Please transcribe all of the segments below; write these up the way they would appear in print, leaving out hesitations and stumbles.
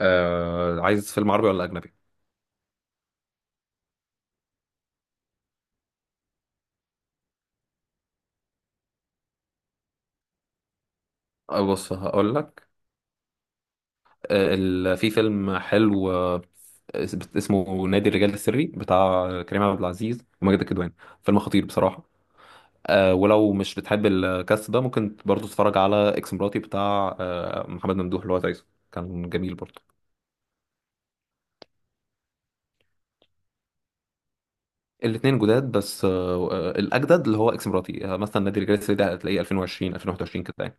عايز فيلم عربي ولا أجنبي؟ بص هقول لك. في فيلم حلو اسمه نادي الرجال السري بتاع كريم عبد العزيز وماجد الكدواني. فيلم خطير بصراحة. ولو مش بتحب الكاست ده ممكن برضو تتفرج على اكس مراتي بتاع محمد ممدوح اللي هو تايسون، كان جميل برضو. الاثنين جداد بس الاجدد اللي هو اكس مراتي. مثلا نادي الرجال السري ده هتلاقيه 2020 2021 كده يعني.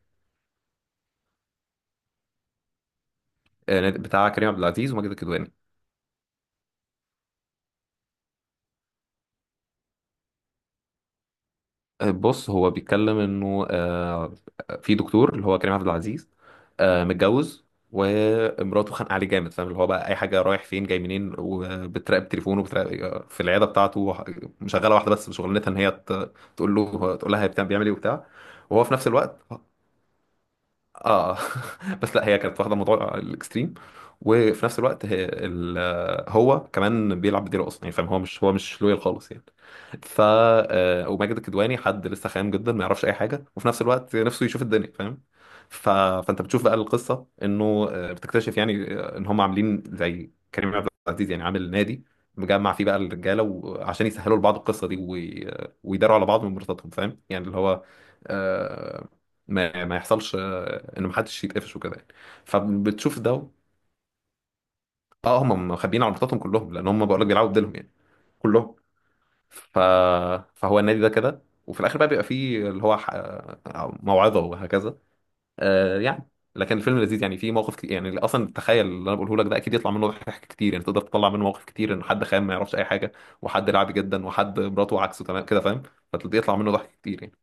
بتاع كريم عبد العزيز وماجد الكدواني. بص، هو بيتكلم انه، في دكتور اللي هو كريم عبد العزيز، متجوز، ومراته خانقه عليه جامد، فاهم؟ اللي هو بقى اي حاجه رايح فين جاي منين، وبتراقب تليفونه، وبتراقب في العياده بتاعته. مشغله واحده، بس شغلانتها ان هي تقول له تقول لها هي بيعمل ايه وبتاع، وهو في نفس الوقت. اه. بس لا، هي كانت واخده موضوع الاكستريم، وفي نفس الوقت هو كمان بيلعب بديله اصلا يعني. فاهم؟ هو مش، هو مش لويال خالص يعني. ف آه، وماجد الكدواني حد لسه خام جدا، ما يعرفش اي حاجه، وفي نفس الوقت نفسه يشوف الدنيا. فاهم؟ فانت بتشوف بقى القصه، انه بتكتشف يعني ان هم عاملين زي كريم عبد العزيز. يعني عامل نادي مجمع فيه بقى الرجاله، وعشان يسهلوا لبعض القصه دي ويداروا على بعض من مرتبطاتهم. فاهم يعني؟ اللي هو آه، ما يحصلش، ان محدش يتقفش وكده يعني. فبتشوف ده. اه، هم مخبيين عملتاتهم كلهم، لان هم، بقول لك، بيلعبوا بديلهم يعني، كلهم. ف... فهو النادي ده كده، وفي الاخر بقى بيبقى فيه اللي هو ح... آه، موعظه وهكذا، يعني. لكن الفيلم لذيذ يعني، فيه مواقف كتير يعني. اصلا تخيل اللي انا بقوله لك ده، اكيد يطلع منه ضحك كتير يعني. تقدر تطلع منه مواقف كتير، ان حد خام ما يعرفش اي حاجه، وحد لعبي جدا، وحد مراته عكسه تمام كده. فاهم؟ فبيطلع منه ضحك كتير يعني.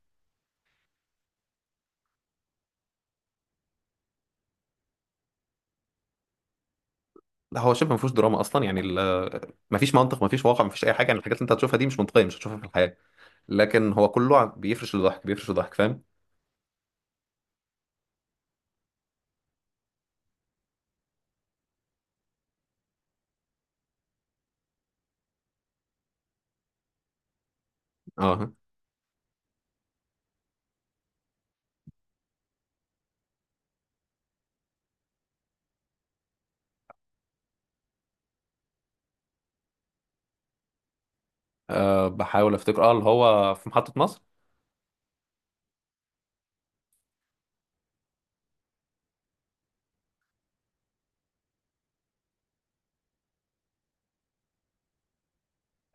لا، هو شبه ما فيهوش دراما اصلا يعني. ما فيش منطق، ما فيش واقع، ما فيش اي حاجه يعني. الحاجات اللي انت هتشوفها دي مش منطقيه، مش هتشوفها في الحياه، لكن هو كله بيفرش لضحك فاهم؟ اه. بحاول افتكر. اه اللي هو في محطه مصر.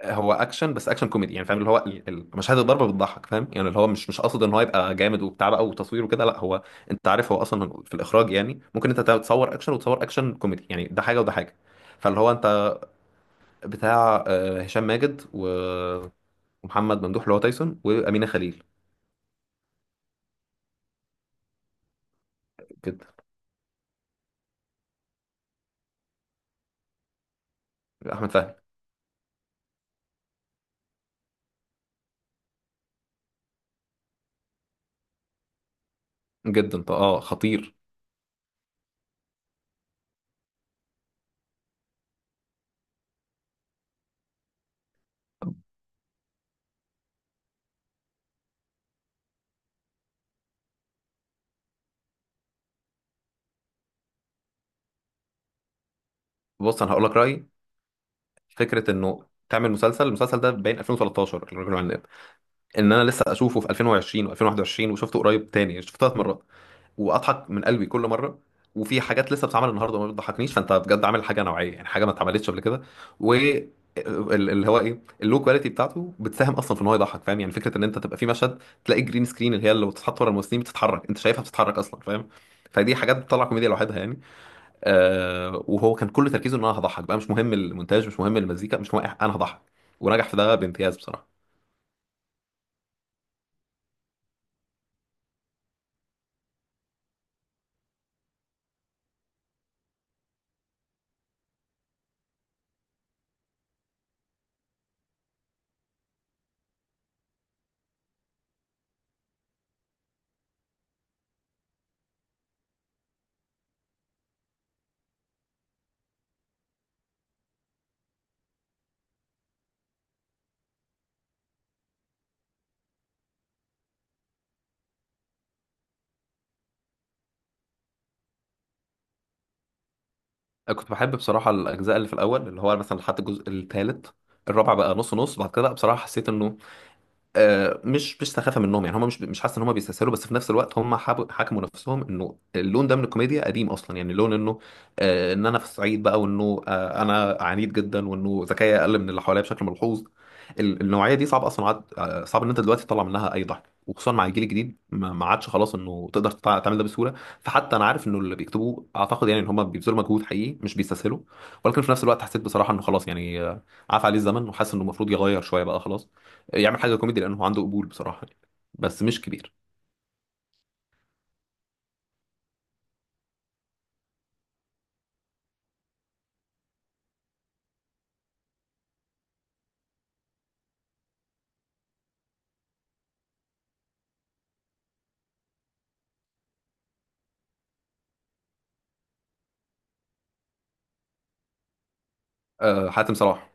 هو اكشن، بس اكشن كوميدي يعني. فاهم؟ اللي هو مشاهد الضربه بتضحك. فاهم يعني؟ اللي هو مش قاصد ان هو يبقى جامد وبتاع بقى وتصوير وكده، لا. هو، انت عارف، هو اصلا في الاخراج يعني، ممكن انت تصور اكشن وتصور اكشن كوميدي يعني. ده حاجه وده حاجه. فاللي هو انت، بتاع هشام ماجد ومحمد ممدوح اللي هو تايسون، وامينه خليل. احمد فهمي. جدا، طب اه، خطير. بص، انا هقول لك رايي. فكره انه تعمل المسلسل ده باين 2013، الرجل العناب، ان انا لسه اشوفه في 2020 و2021، وشفته قريب، تاني شفته 3 مرات، واضحك من قلبي كل مره. وفي حاجات لسه بتتعمل النهارده ما بتضحكنيش. فانت بجد عامل حاجه نوعيه يعني، حاجه ما اتعملتش قبل كده. و اللي هو ايه، اللو كواليتي بتاعته بتساهم اصلا في ان هو يضحك. فاهم يعني؟ فكره ان انت تبقى في مشهد تلاقي جرين سكرين، اللي هي اللي بتتحط ورا الممثلين بتتحرك، انت شايفها بتتحرك اصلا. فاهم؟ فدي حاجات بتطلع كوميديا لوحدها يعني. وهو كان كل تركيزه ان انا هضحك بقى، مش مهم المونتاج، مش مهم المزيكا، مش مهم أي حاجة، انا هضحك. ونجح في ده بامتياز بصراحه. أنا كنت بحب بصراحه الاجزاء اللي في الاول، اللي هو مثلا لحد الجزء الثالث. الرابع بقى نص نص. بعد كده بقى، بصراحه حسيت انه مش، مش سخافه منهم يعني. هم مش حاسس ان هم بيستسهلوا، بس في نفس الوقت هم حكموا نفسهم انه اللون ده من الكوميديا قديم اصلا يعني. اللون انه ان انا في الصعيد بقى، وانه انا عنيد جدا، وانه ذكائي اقل من اللي حواليا بشكل ملحوظ. النوعيه دي صعب اصلا عاد، صعب ان انت دلوقتي تطلع منها اي ضحك، وخصوصا مع الجيل الجديد ما عادش خلاص انه تقدر تعمل ده بسهوله. فحتى انا عارف انه اللي بيكتبوه، اعتقد يعني ان هم بيبذلوا مجهود حقيقي، مش بيستسهلوا، ولكن في نفس الوقت حسيت بصراحه انه خلاص يعني، عاف عليه الزمن، وحاسس انه المفروض يغير شويه بقى خلاص، يعمل حاجه كوميدي لانه هو عنده قبول بصراحه يعني. بس مش كبير. حاتم صلاح.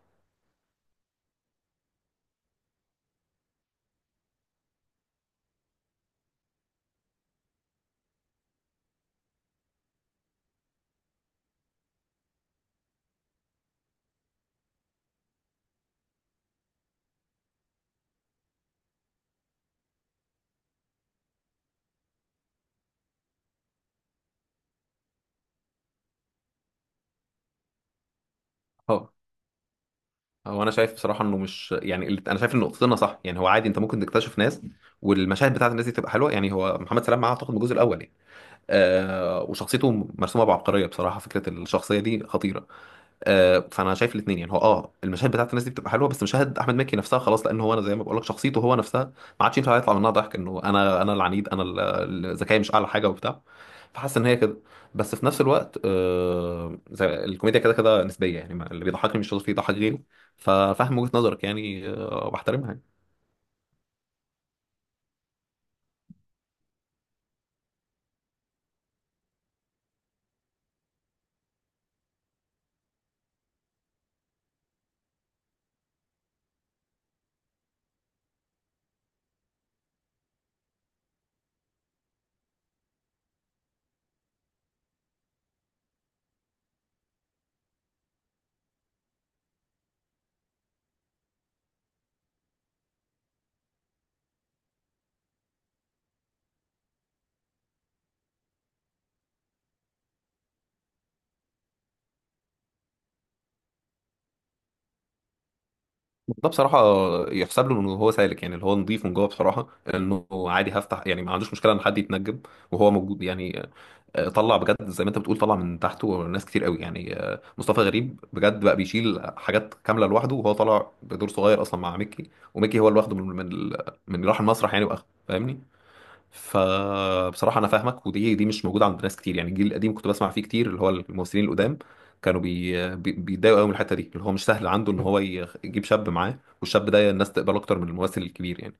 اه هو انا شايف بصراحه انه مش يعني انا شايف ان نقطتنا صح يعني. هو عادي، انت ممكن تكتشف ناس، والمشاهد بتاعت الناس دي تبقى حلوه يعني. هو محمد سلام معاه اعتقد من الجزء الاول يعني. وشخصيته مرسومه بعبقريه بصراحه. فكره الشخصيه دي خطيره. فانا شايف الاثنين يعني. هو المشاهد بتاعت الناس دي بتبقى حلوه، بس مشاهد احمد مكي نفسها خلاص، لان هو، انا زي ما بقول لك، شخصيته هو نفسها ما عادش ينفع يطلع منها ضحك. انه انا العنيد، انا ذكائي مش اعلى حاجه وبتاع. فحاسس ان هي كده. بس في نفس الوقت زي الكوميديا كده كده نسبيه يعني. اللي بيضحكني مش شرط يضحك غيري. ففاهم وجهه نظرك يعني، وبحترمها يعني. ده بصراحه يحسب له انه هو سالك يعني، اللي هو نظيف من جوه بصراحه، انه عادي هفتح يعني، ما عندوش مشكله ان حد يتنجم وهو موجود يعني. طلع بجد زي ما انت بتقول، طلع من تحته ناس كتير قوي يعني. مصطفى غريب بجد بقى بيشيل حاجات كامله لوحده، وهو طالع بدور صغير اصلا مع ميكي. وميكي هو اللي واخده من اللي راح المسرح يعني، واخده. فاهمني؟ فبصراحه انا فاهمك، ودي مش موجوده عند ناس كتير يعني. الجيل القديم كنت بسمع فيه كتير، اللي هو الممثلين القدام كانوا بيتضايقوا قوي من الحته دي، اللي هو مش سهل عنده ان هو يجيب شاب معاه، والشاب ده الناس تقبله اكتر من الممثل الكبير يعني.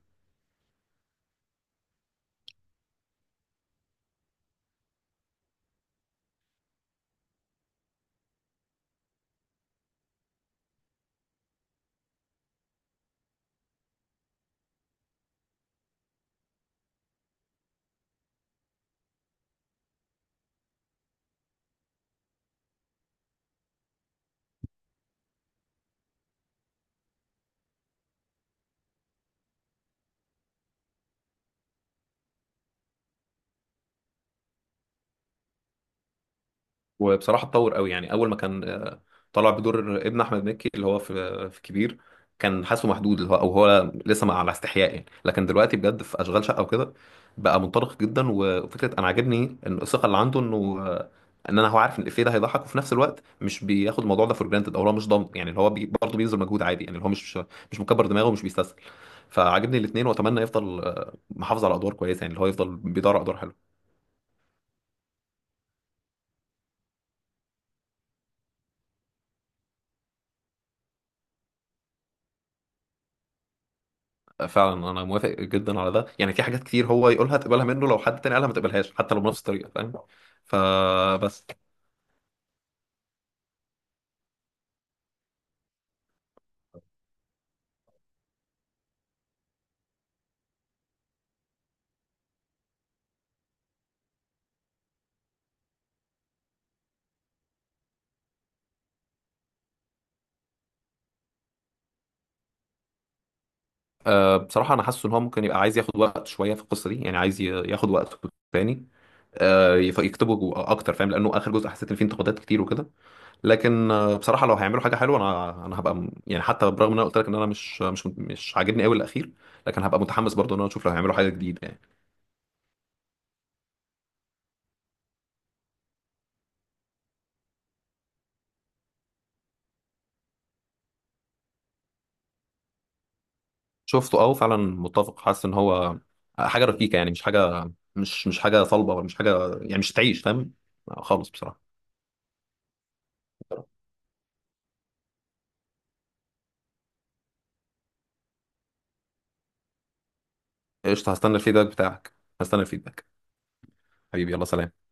وبصراحه اتطور قوي يعني. اول ما كان طلع بدور ابن احمد مكي اللي هو في كبير. كان حاسه محدود، اللي هو، او هو لسه مع على استحياء يعني، لكن دلوقتي بجد في اشغال شقه وكده بقى منطلق جدا. وفكره انا عاجبني ان الثقه اللي عنده، انه ان انا، هو عارف ان الافيه ده هيضحك، وفي نفس الوقت مش بياخد الموضوع ده فور جرانتد، او هو مش ضامن يعني. اللي هو برضه بيبذل مجهود عادي يعني، اللي هو مش مكبر دماغه، ومش بيستسهل. فعاجبني الاثنين. واتمنى يفضل محافظ على ادوار كويسه يعني، اللي هو يفضل بيدور على ادوار حلوه. فعلا انا موافق جدا على ده يعني. في حاجات كتير هو يقولها تقبلها منه، لو حد تاني قالها ما تقبلهاش حتى لو بنفس الطريقه. فاهم؟ فبس. بصراحه انا حاسس ان هو ممكن يبقى عايز ياخد وقت شويه في القصه دي يعني، عايز ياخد وقته تاني. يكتبه اكتر. فاهم؟ لانه اخر جزء حسيت ان فيه انتقادات كتير وكده. لكن بصراحه لو هيعملوا حاجه حلوه، انا هبقى يعني، حتى برغم ان انا قلت لك ان انا مش، مش عاجبني قوي الاخير، لكن هبقى متحمس برضه ان انا اشوف لو هيعملوا حاجه جديده يعني. شفته. اه، فعلا متفق. حاسس ان هو حاجه رفيقه يعني، مش حاجه، مش حاجه صلبه ولا مش حاجه يعني، مش تعيش. فاهم؟ خالص بصراحه. قشطه، هستنى الفيدباك بتاعك. هستنى الفيدباك. حبيبي، يلا سلام.